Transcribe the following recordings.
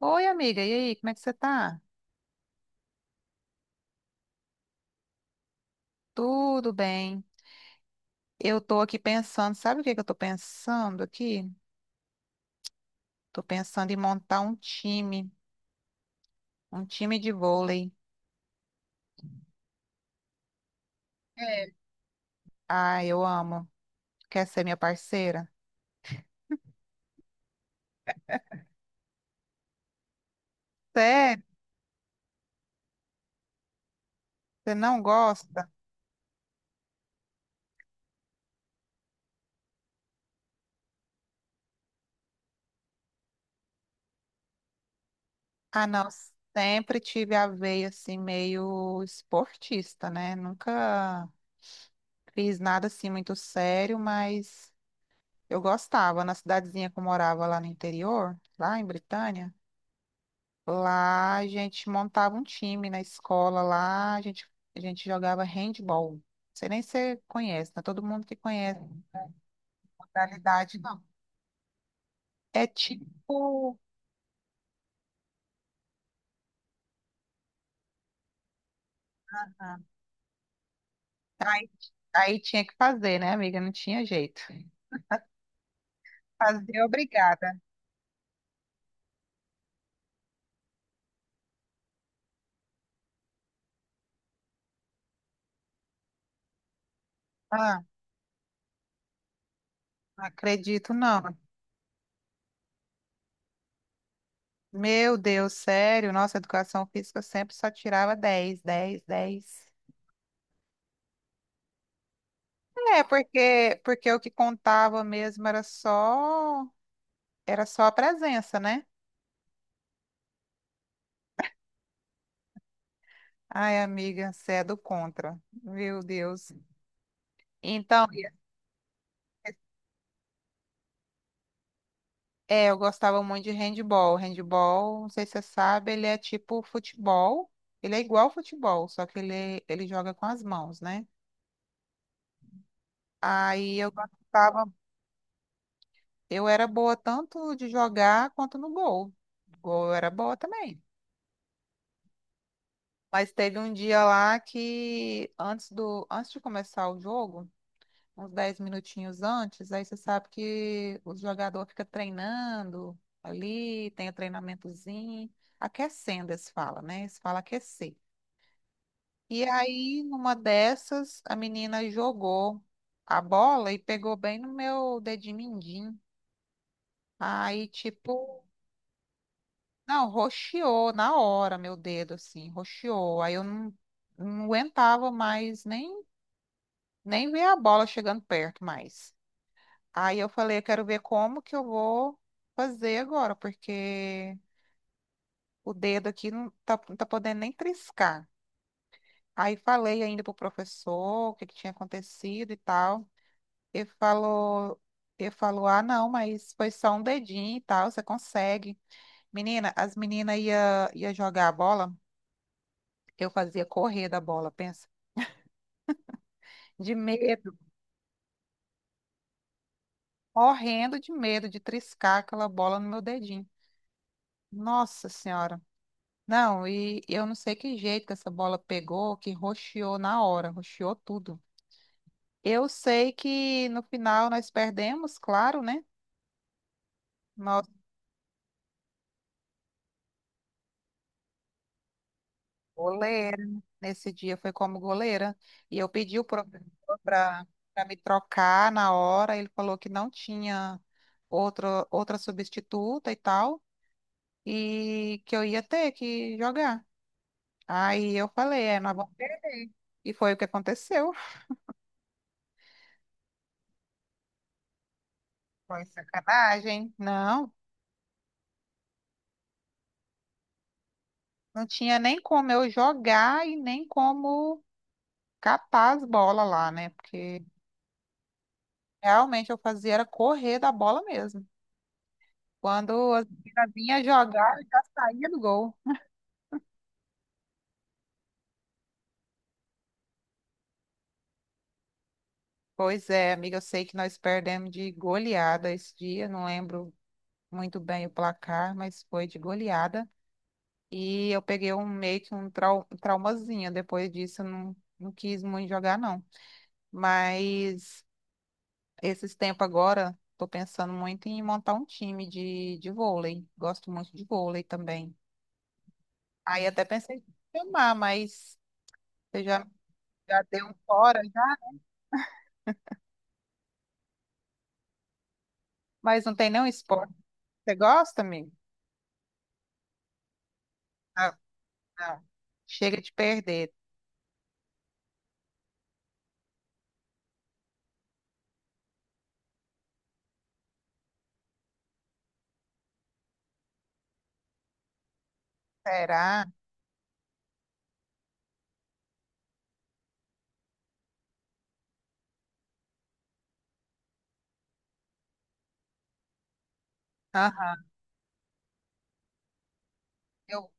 Oi, amiga, e aí, como é que você tá? Tudo bem. Eu tô aqui pensando, sabe o que que eu tô pensando aqui? Tô pensando em montar um time de vôlei. É. Ah, eu amo. Quer ser minha parceira? Sério? Você não gosta? Ah, não, sempre tive a veia assim meio esportista, né? Nunca fiz nada assim muito sério, mas eu gostava na cidadezinha que eu morava lá no interior, lá em Britânia. Lá a gente montava um time na escola, lá a gente jogava handball. Você nem se conhece, não é todo mundo que conhece a modalidade, não. É tipo. Ah, aí tinha que fazer, né, amiga? Não tinha jeito. Fazer, obrigada. Ah, não acredito, não. Meu Deus, sério, nossa, educação física eu sempre só tirava 10, 10, 10. É, porque, porque o que contava mesmo era só a presença, né? Ai, amiga, você é do contra. Meu Deus. Então, é, eu gostava muito de handball. Handball, não sei se você sabe, ele é tipo futebol. Ele é igual ao futebol, só que ele joga com as mãos, né? Aí eu gostava, eu era boa tanto de jogar quanto no gol. Gol eu era boa também. Mas teve um dia lá que antes de começar o jogo, uns 10 minutinhos antes, aí você sabe que o jogador fica treinando ali, tem o treinamentozinho, aquecendo, eles falam, né? Eles falam aquecer. E aí, numa dessas, a menina jogou a bola e pegou bem no meu dedinho mindinho. Aí, tipo, não, roxeou na hora meu dedo, assim, roxeou. Aí eu não, não aguentava mais nem ver a bola chegando perto mais. Aí eu falei, eu quero ver como que eu vou fazer agora, porque o dedo aqui não tá podendo nem triscar. Aí falei ainda pro professor o que que tinha acontecido e tal. Ele falou, ele falou, ah, não, mas foi só um dedinho e tal, você consegue. Menina, as meninas ia jogar a bola, eu fazia correr da bola, pensa. De medo, morrendo de medo de triscar aquela bola no meu dedinho. Nossa Senhora. Não, e eu não sei que jeito que essa bola pegou, que roxeou na hora, roxeou tudo. Eu sei que no final nós perdemos, claro, né? Nossa goleira, nesse dia foi como goleira. E eu pedi o professor para me trocar na hora, ele falou que não tinha outra substituta e tal, e que eu ia ter que jogar. Aí eu falei, é, nós vamos perder. E foi o que aconteceu. Foi sacanagem. Não. Não tinha nem como eu jogar e nem como capar as bolas lá, né? Porque realmente eu fazia era correr da bola mesmo. Quando as meninas vinham jogar, eu já saía do gol. Pois é, amiga, eu sei que nós perdemos de goleada esse dia, não lembro muito bem o placar, mas foi de goleada. E eu peguei um meio que um traumazinho. Depois disso, eu não quis muito jogar, não. Mas. Esses tempos agora, tô pensando muito em montar um time de vôlei. Gosto muito de vôlei também. Aí até pensei em te chamar, mas você já, já deu um fora já? Mas não tem nenhum esporte. Você gosta, amigo? Não, não. Chega de perder. Será? Aham. Eu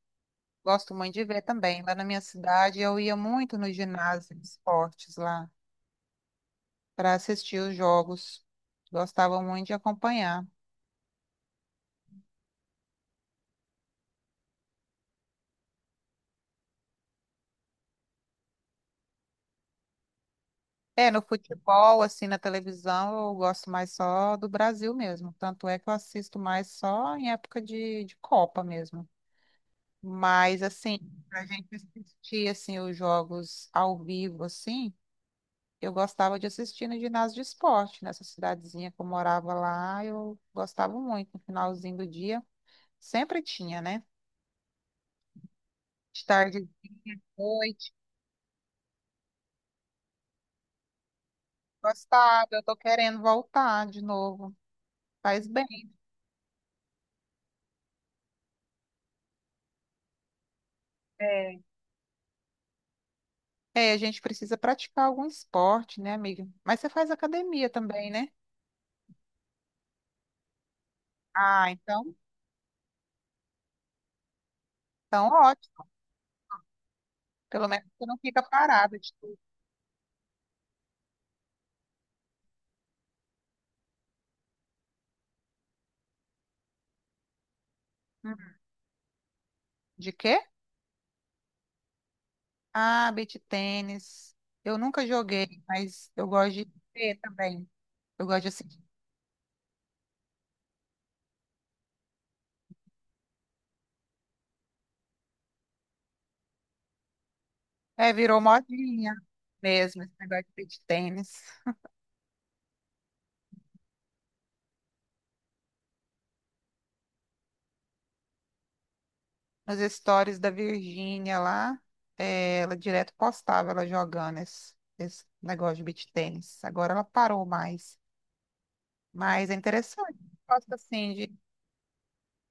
gosto muito de ver também. Lá na minha cidade, eu ia muito no ginásio de esportes lá para assistir os jogos. Gostava muito de acompanhar. É, no futebol, assim, na televisão, eu gosto mais só do Brasil mesmo. Tanto é que eu assisto mais só em época de Copa mesmo. Mas, assim, pra gente assistir, assim, os jogos ao vivo, assim, eu gostava de assistir no ginásio de esporte, nessa cidadezinha que eu morava lá, eu gostava muito, no finalzinho do dia. Sempre tinha, né? De tarde, noite. Gostava, eu tô querendo voltar de novo. Faz bem. É, a gente precisa praticar algum esporte, né, amiga? Mas você faz academia também, né? Ah, então, então ótimo. Pelo menos você não fica parada de tudo. Uhum. De quê? Ah, beach tênis. Eu nunca joguei, mas eu gosto de ver também. Eu gosto de assistir. É, virou modinha mesmo esse negócio de beach tênis. Nos stories da Virgínia lá, é, ela direto postava ela jogando esse negócio de beach tênis. Agora ela parou mais. Mas é interessante. Gosto assim de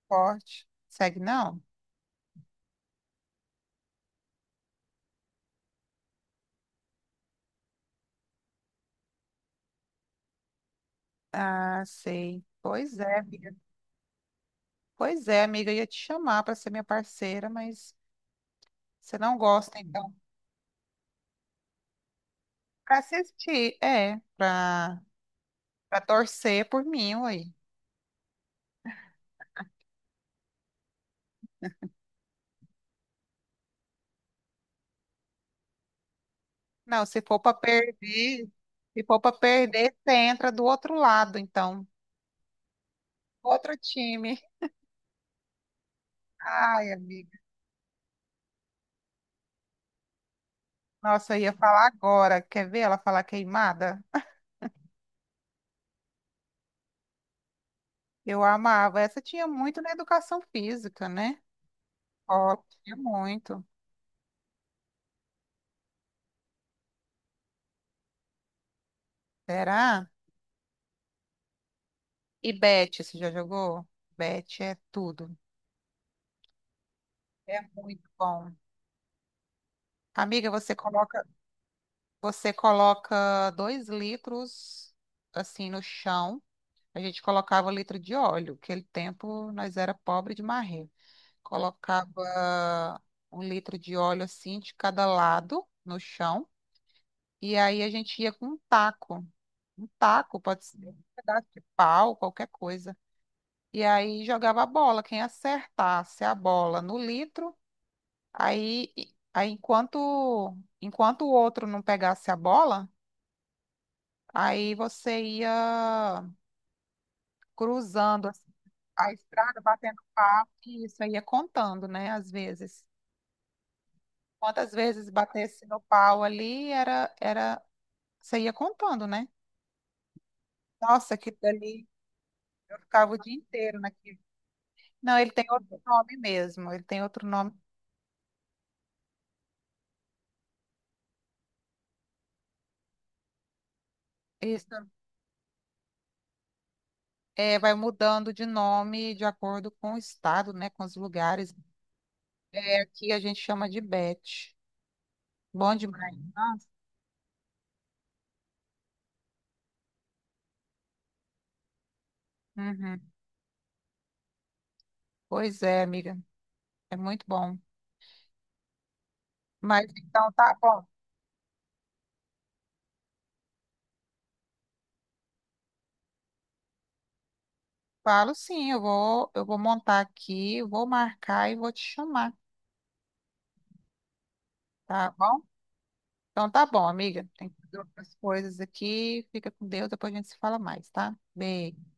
esporte. Segue, não? Ah, sei. Pois é, amiga. Pois é, amiga. Eu ia te chamar para ser minha parceira, mas você não gosta, então. Para assistir, é. Para torcer por mim, aí. Não, se for para perder, se for para perder, você entra do outro lado, então. Outro time. Ai, amiga. Nossa, eu ia falar agora. Quer ver ela falar queimada? Eu amava. Essa tinha muito na educação física, né? Gosto muito. Será? E Bet, você já jogou? Bet é tudo. É muito bom. Amiga, você coloca 2 litros assim no chão. A gente colocava litro de óleo. Aquele tempo nós era pobre de marrer. Colocava um litro de óleo assim de cada lado no chão. E aí a gente ia com um taco. Um taco, pode ser um pedaço de pau, qualquer coisa. E aí jogava a bola, quem acertasse a bola no litro, aí, aí enquanto o outro não pegasse a bola, aí você ia cruzando assim, a estrada, batendo papo, e isso aí ia contando, né, às vezes. Quantas vezes batesse no pau ali, era, você ia contando, né? Nossa, aquilo ali, eu ficava o dia inteiro naquilo. Não, ele tem outro nome mesmo, ele tem outro nome. Isso. É, vai mudando de nome de acordo com o estado, né? Com os lugares. É, aqui a gente chama de Bete. Bom demais. Nossa. Uhum. Pois é, amiga. É muito bom. Mas então tá bom. Falo sim, eu vou montar aqui, vou marcar e vou te chamar, tá bom? Então tá bom, amiga. Tem que fazer outras coisas aqui. Fica com Deus, depois a gente se fala mais, tá? Beijo.